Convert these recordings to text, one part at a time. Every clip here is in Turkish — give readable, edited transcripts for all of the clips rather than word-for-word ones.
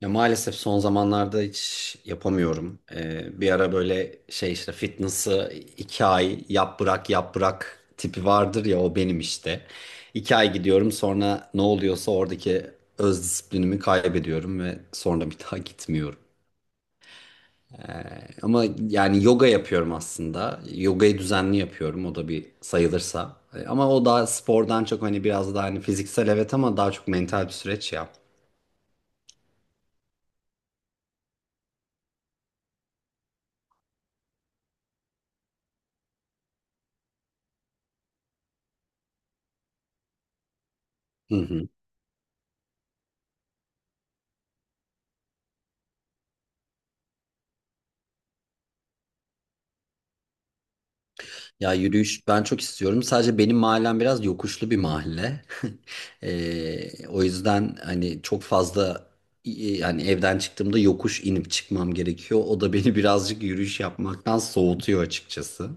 Ya maalesef son zamanlarda hiç yapamıyorum. Bir ara böyle şey işte fitness'ı 2 ay yap bırak yap bırak tipi vardır ya o benim işte. 2 ay gidiyorum sonra ne oluyorsa oradaki öz disiplinimi kaybediyorum ve sonra bir daha gitmiyorum. Ama yani yoga yapıyorum aslında. Yogayı düzenli yapıyorum o da bir sayılırsa. Ama o daha spordan çok hani biraz daha hani fiziksel evet ama daha çok mental bir süreç ya. Hı hı. Ya yürüyüş ben çok istiyorum. Sadece benim mahallem biraz yokuşlu bir mahalle. O yüzden hani çok fazla hani evden çıktığımda yokuş inip çıkmam gerekiyor. O da beni birazcık yürüyüş yapmaktan soğutuyor açıkçası.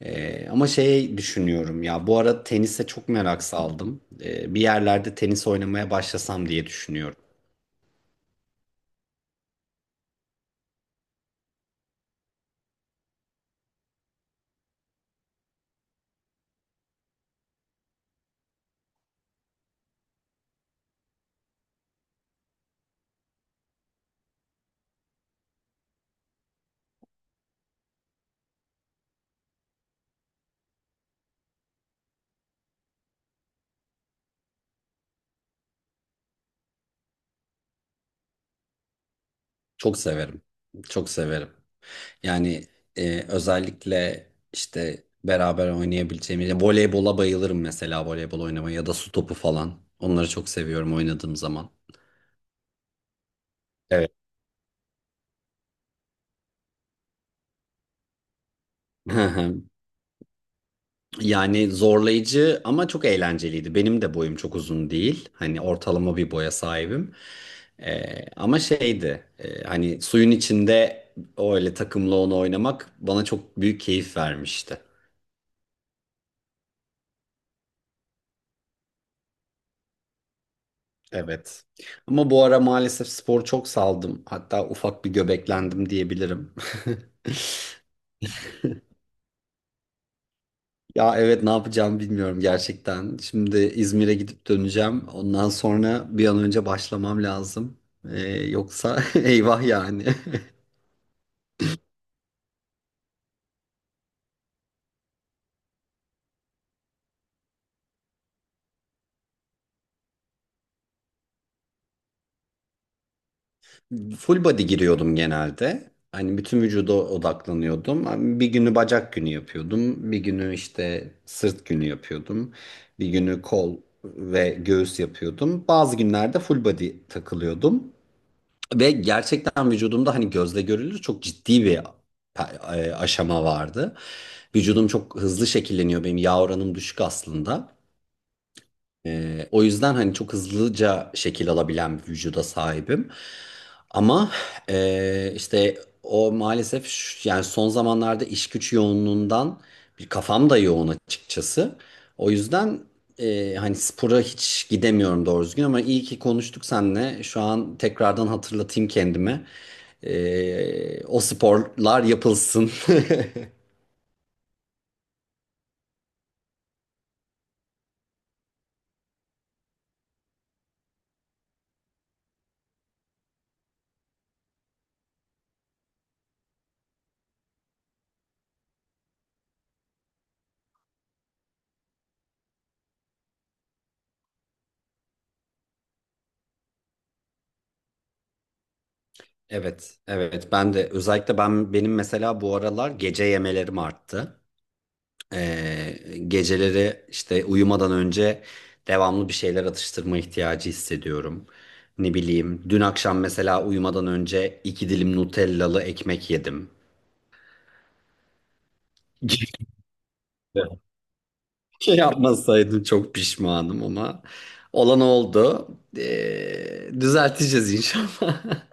Ama şey düşünüyorum ya bu ara tenise çok merak saldım. Bir yerlerde tenis oynamaya başlasam diye düşünüyorum. Çok severim. Çok severim. Yani özellikle işte beraber oynayabileceğimiz voleybola bayılırım mesela voleybol oynamayı ya da su topu falan. Onları çok seviyorum oynadığım zaman. Evet. Yani zorlayıcı ama çok eğlenceliydi. Benim de boyum çok uzun değil. Hani ortalama bir boya sahibim. Ama şeydi, hani suyun içinde öyle takımla onu oynamak bana çok büyük keyif vermişti. Evet. Ama bu ara maalesef spor çok saldım. Hatta ufak bir göbeklendim diyebilirim. Ya evet, ne yapacağımı bilmiyorum gerçekten. Şimdi İzmir'e gidip döneceğim. Ondan sonra bir an önce başlamam lazım. Yoksa eyvah yani. Full body giriyordum genelde. Hani bütün vücuda odaklanıyordum. Hani bir günü bacak günü yapıyordum. Bir günü işte sırt günü yapıyordum. Bir günü kol ve göğüs yapıyordum. Bazı günlerde full body takılıyordum. Ve gerçekten vücudumda hani gözle görülür çok ciddi bir aşama vardı. Vücudum çok hızlı şekilleniyor. Benim yağ oranım düşük aslında. O yüzden hani çok hızlıca şekil alabilen bir vücuda sahibim. Ama işte o maalesef yani son zamanlarda iş güç yoğunluğundan bir kafam da yoğun açıkçası. O yüzden hani spora hiç gidemiyorum doğru düzgün, ama iyi ki konuştuk seninle. Şu an tekrardan hatırlatayım kendime. O sporlar yapılsın. Evet, evet. Ben de özellikle benim mesela bu aralar gece yemelerim arttı. Ee, geceleri işte uyumadan önce devamlı bir şeyler atıştırma ihtiyacı hissediyorum. Ne bileyim, dün akşam mesela uyumadan önce iki dilim Nutellalı ekmek yedim. Şey, yapmasaydım çok pişmanım ama olan oldu. Düzelteceğiz inşallah.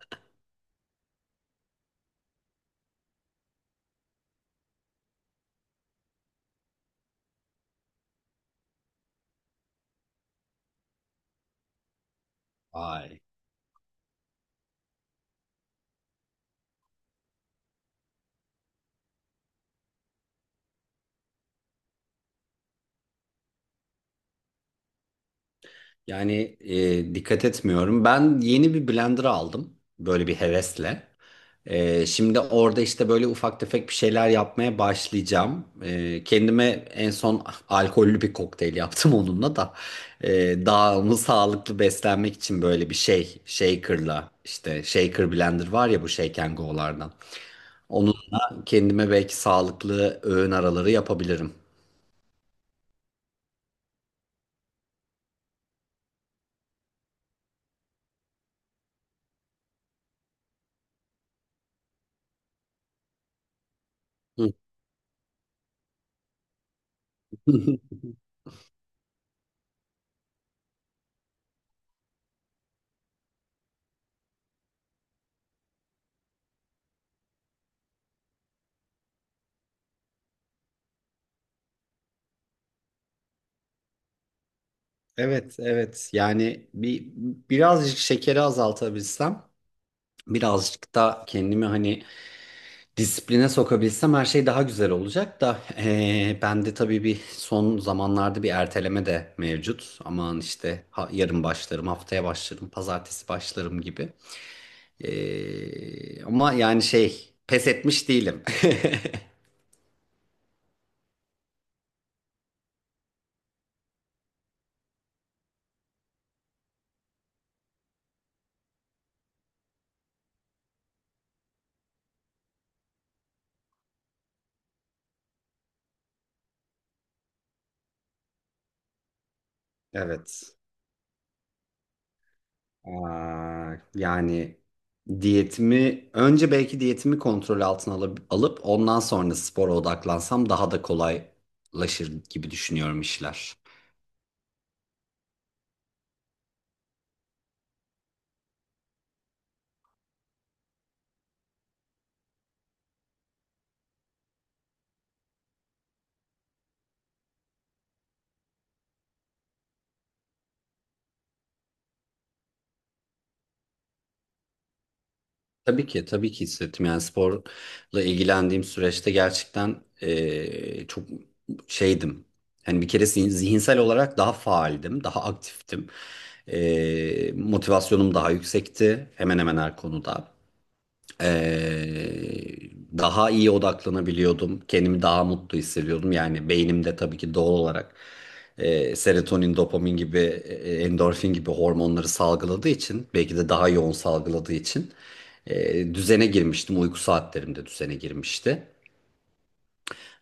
Ay. Yani dikkat etmiyorum. Ben yeni bir blender aldım. Böyle bir hevesle. Şimdi orada işte böyle ufak tefek bir şeyler yapmaya başlayacağım. Kendime en son alkollü bir kokteyl yaptım onunla da. Daha onu sağlıklı beslenmek için böyle bir şey. Shaker'la işte, shaker blender var ya bu Shake and Go'lardan. Onunla kendime belki sağlıklı öğün araları yapabilirim. Evet, evet. Yani birazcık şekeri azaltabilsem, birazcık da kendimi hani disipline sokabilsem her şey daha güzel olacak da bende tabii bir son zamanlarda bir erteleme de mevcut. Aman işte, yarın başlarım, haftaya başlarım, pazartesi başlarım gibi. Ama yani şey, pes etmiş değilim. Evet. Aa, yani diyetimi önce belki diyetimi kontrol altına alıp ondan sonra spora odaklansam daha da kolaylaşır gibi düşünüyorum işler. Tabii ki, tabii ki hissettim. Yani sporla ilgilendiğim süreçte gerçekten çok şeydim. Hani bir kere zihinsel olarak daha faaldim, daha aktiftim. Motivasyonum daha yüksekti hemen hemen her konuda. Daha iyi odaklanabiliyordum. Kendimi daha mutlu hissediyordum. Yani beynimde tabii ki doğal olarak serotonin, dopamin gibi, endorfin gibi hormonları salgıladığı için, belki de daha yoğun salgıladığı için düzene girmiştim. Uyku saatlerim de düzene girmişti.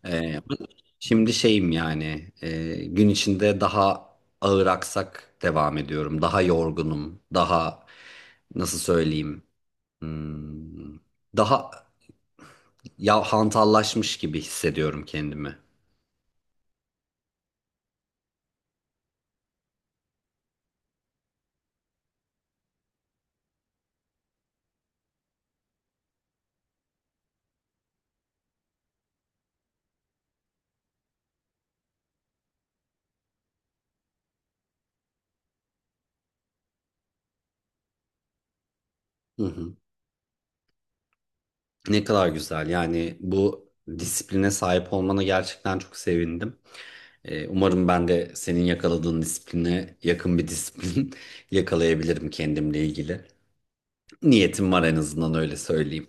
E, şimdi şeyim, yani gün içinde daha ağır aksak devam ediyorum. Daha yorgunum, daha, nasıl söyleyeyim? hmm, Daha ya, hantallaşmış gibi hissediyorum kendimi. Hı hı. Ne kadar güzel. Yani bu disipline sahip olmana gerçekten çok sevindim. Umarım ben de senin yakaladığın disipline yakın bir disiplin yakalayabilirim kendimle ilgili. Niyetim var, en azından öyle söyleyeyim.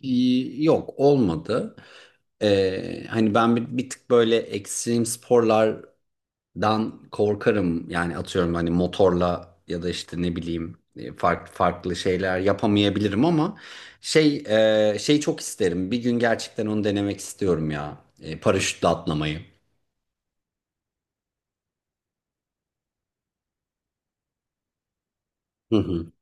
Yok, olmadı. Hani ben bir tık böyle ekstrem sporlar dan korkarım. Yani atıyorum, hani motorla ya da işte ne bileyim farklı farklı şeyler yapamayabilirim ama şey, şey çok isterim, bir gün gerçekten onu denemek istiyorum ya, paraşütle atlamayı. Hı hı,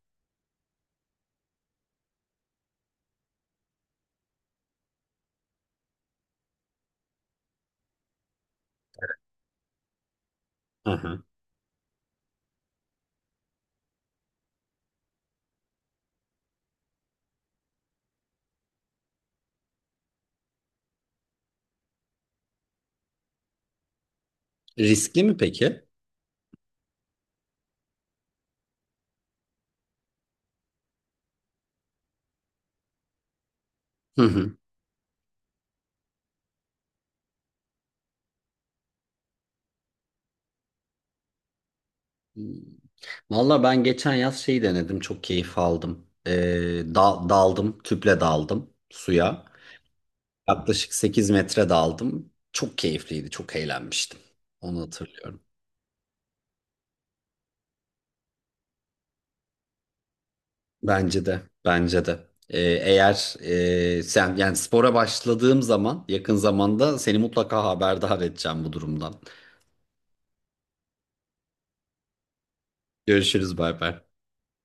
hı hı. Riskli mi peki? Hı hı. Valla ben geçen yaz şeyi denedim, çok keyif aldım. Daldım, tüple daldım suya, yaklaşık 8 metre daldım. Çok keyifliydi, çok eğlenmiştim, onu hatırlıyorum. Bence de, bence de. Eğer sen yani spora başladığım zaman, yakın zamanda seni mutlaka haberdar edeceğim bu durumdan. Görüşürüz, bay bay.